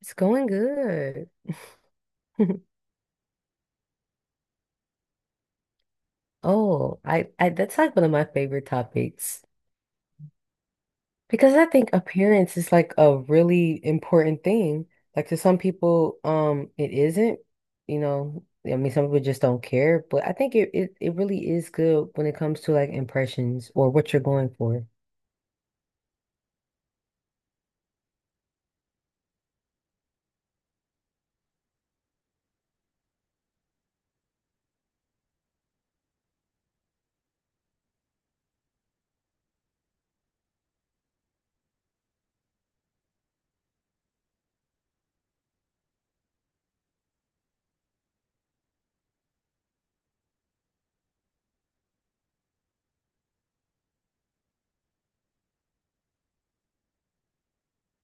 It's going good. Oh, I that's like one of my favorite topics because I think appearance is like a really important thing. Like to some people, it isn't, I mean, some people just don't care, but I think it really is good when it comes to like impressions or what you're going for.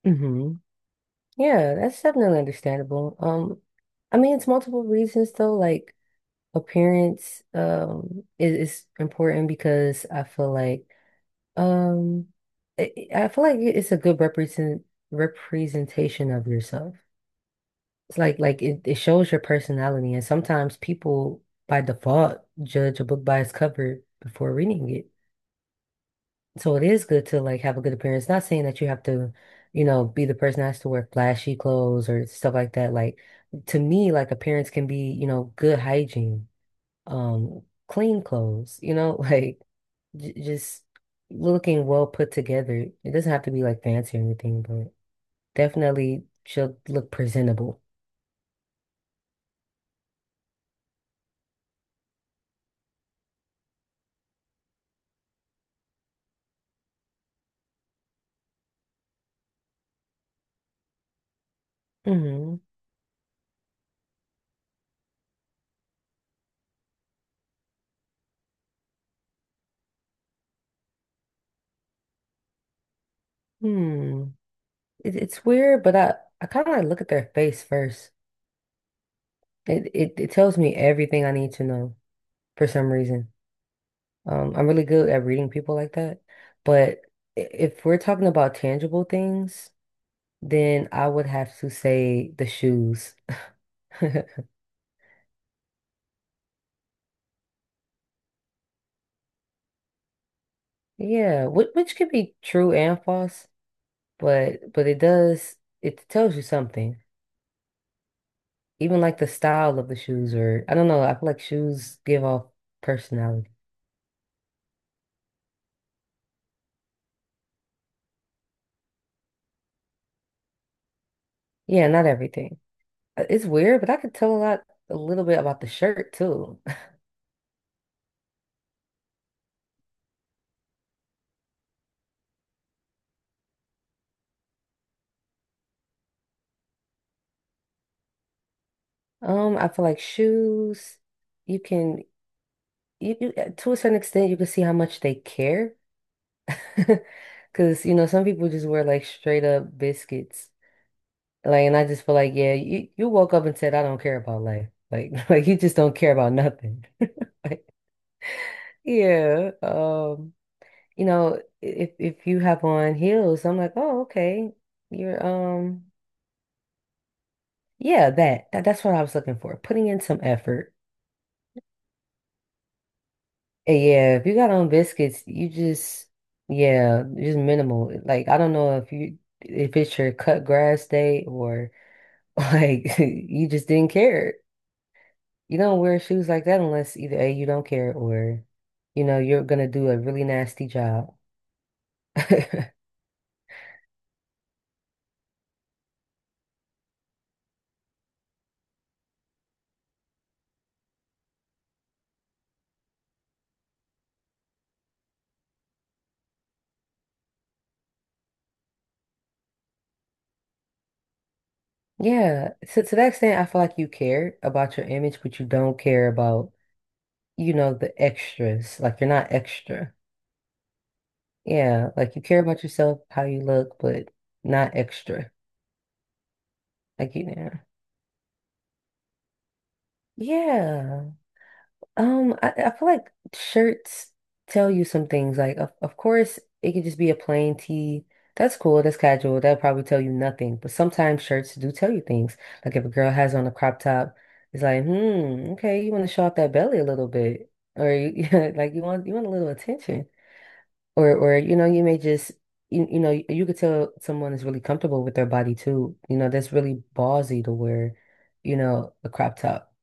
Hmm. Yeah, that's definitely understandable. I mean, it's multiple reasons though, like appearance, is important because I feel like Um, I feel like it's a good representation of yourself. It's like it shows your personality, and sometimes people by default judge a book by its cover before reading it. So it is good to like have a good appearance. Not saying that you have to, you know, be the person that has to wear flashy clothes or stuff like that. Like to me, like appearance can be, you know, good hygiene, clean clothes, you know, like j just looking well put together. It doesn't have to be like fancy or anything, but definitely she'll look presentable. Hmm. Hmm. It's weird, but I kind of like look at their face first. It tells me everything I need to know for some reason. I'm really good at reading people like that, but if we're talking about tangible things, then I would have to say the shoes. Yeah, which could be true and false. But it does it tells you something. Even like the style of the shoes, or I don't know. I feel like shoes give off personality. Yeah, not everything. It's weird, but I could tell a lot, a little bit about the shirt too. I feel like shoes, you can you, you to a certain extent you can see how much they care, because you know some people just wear like straight up biscuits. Like, and I just feel like, yeah, you woke up and said, I don't care about life. Like, like you just don't care about nothing. Yeah, you know, if you have on heels, I'm like, oh, okay. You're yeah, that that's what I was looking for. Putting in some effort. And yeah, if you got on biscuits, you just yeah, just minimal. Like I don't know if you if it's your cut grass day or like you just didn't care. You don't wear shoes like that unless either A, you don't care or you know, you're gonna do a really nasty job. Yeah, to that extent, I feel like you care about your image, but you don't care about, you know, the extras. Like you're not extra. Yeah, like you care about yourself, how you look, but not extra. Like you know. Yeah. I feel like shirts tell you some things. Like, of course, it could just be a plain tee. That's cool. That's casual. That'll probably tell you nothing. But sometimes shirts do tell you things. Like if a girl has on a crop top, it's like, hmm, okay, you want to show off that belly a little bit, or you, like you want a little attention, or you know you may just you, you know you, you could tell someone is really comfortable with their body too. You know that's really ballsy to wear, you know, a crop top.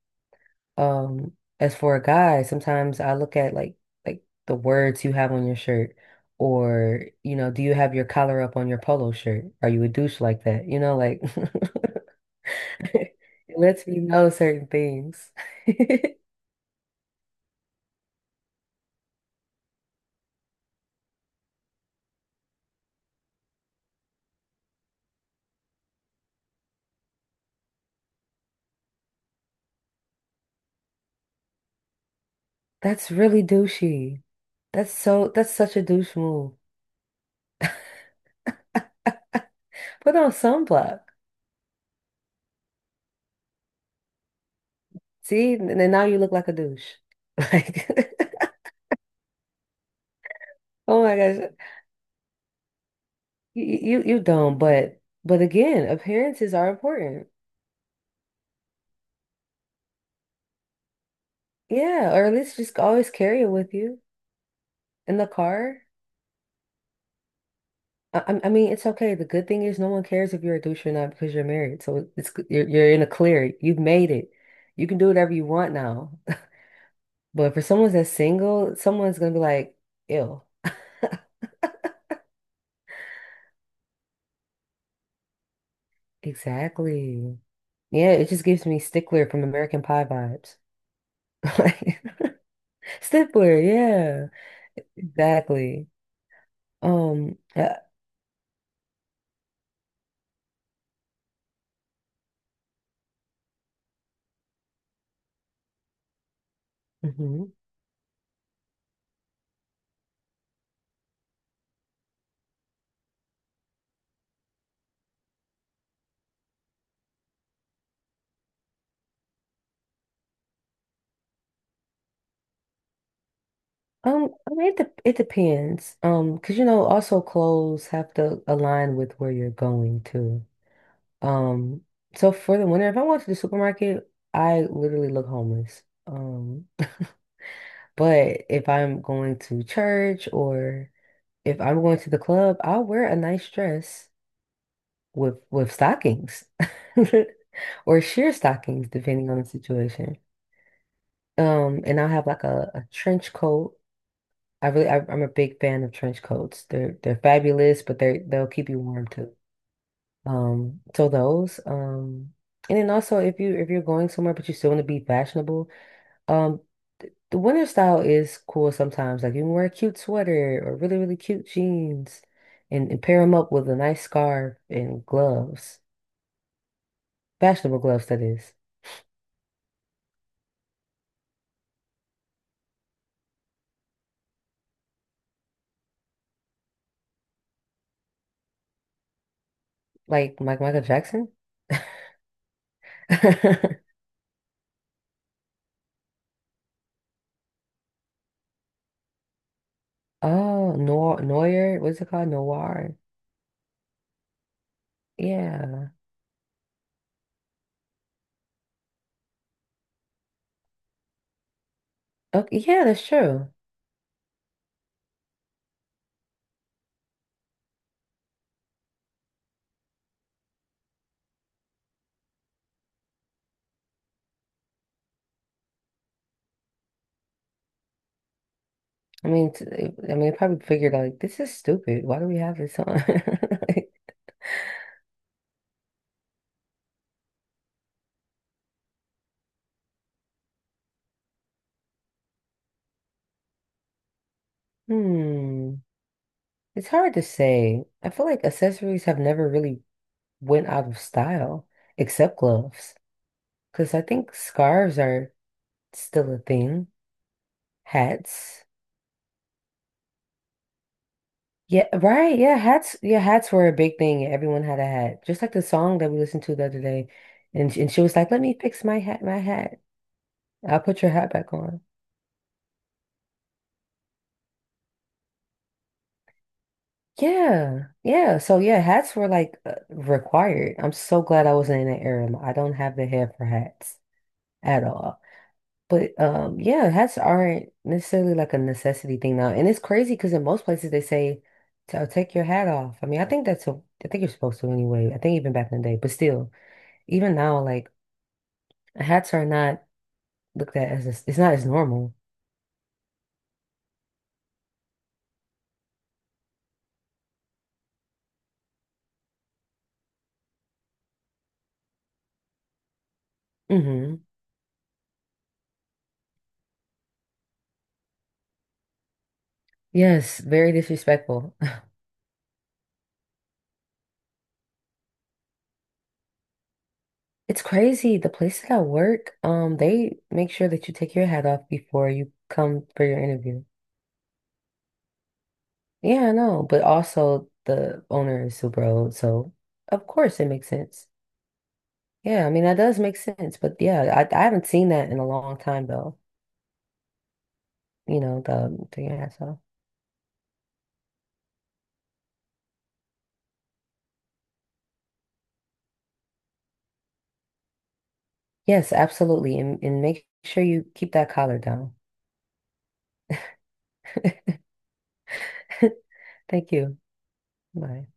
As for a guy, sometimes I look at like the words you have on your shirt, or you know, do you have your collar up on your polo shirt? Are you a douche like that? You know, like it lets me know certain things. That's really douchey. That's such a douche move. Put on sunblock. See, and then now you look like a douche. Like, oh my gosh, you not but again, appearances are important. Yeah, or at least just always carry it with you in the car. I mean, it's okay. The good thing is no one cares if you're a douche or not because you're married. So you're in a clear. You've made it. You can do whatever you want now. But for someone that's single, someone's gonna be like, "Ew." Exactly. Yeah, it just gives me Stickler from American Pie vibes. Like Stickler, yeah. Exactly. Um, uh, mhm. I mean, it depends. Because you know, also clothes have to align with where you're going to. Um, so for the winter, if I went to the supermarket, I literally look homeless. But if I'm going to church or if I'm going to the club, I'll wear a nice dress with stockings or sheer stockings, depending on the situation. And I'll have like a trench coat. I really, I'm a big fan of trench coats. They're fabulous, but they'll keep you warm too. Um, so those, um, and then also if you if you're going somewhere but you still want to be fashionable, um, the winter style is cool sometimes. Like you can wear a cute sweater or really cute jeans, and pair them up with a nice scarf and gloves, fashionable gloves that is, like Michael Jackson. Oh, what's it called? Noir. Yeah. Okay, yeah, that's true. I mean, I mean, they probably figured out, like, this is stupid. Why do we have this on? Like, hmm. It's hard to say. I feel like accessories have never really went out of style, except gloves. Because I think scarves are still a thing. Hats. Yeah, right. Yeah, hats. Yeah, hats were a big thing. Everyone had a hat. Just like the song that we listened to the other day. And, and she was like, let me fix my hat, my hat. I'll put your hat back. Yeah, yeah. So yeah, hats were like required. I'm so glad I wasn't in that era. I don't have the hair for hats at all. But yeah, hats aren't necessarily like a necessity thing now. And it's crazy because in most places they say, "So take your hat off." I mean, I think I think you're supposed to anyway. I think even back in the day, but still, even now, like hats are not looked at as a, it's not as normal. Hmm. Yes, very disrespectful. It's crazy. The places I work, they make sure that you take your hat off before you come for your interview. Yeah, I know. But also the owner is super old, so of course it makes sense. Yeah, I mean that does make sense. But yeah, I haven't seen that in a long time though. You know, the taking your hats off. Yes, absolutely. And make sure you keep that collar down. Thank you. Bye.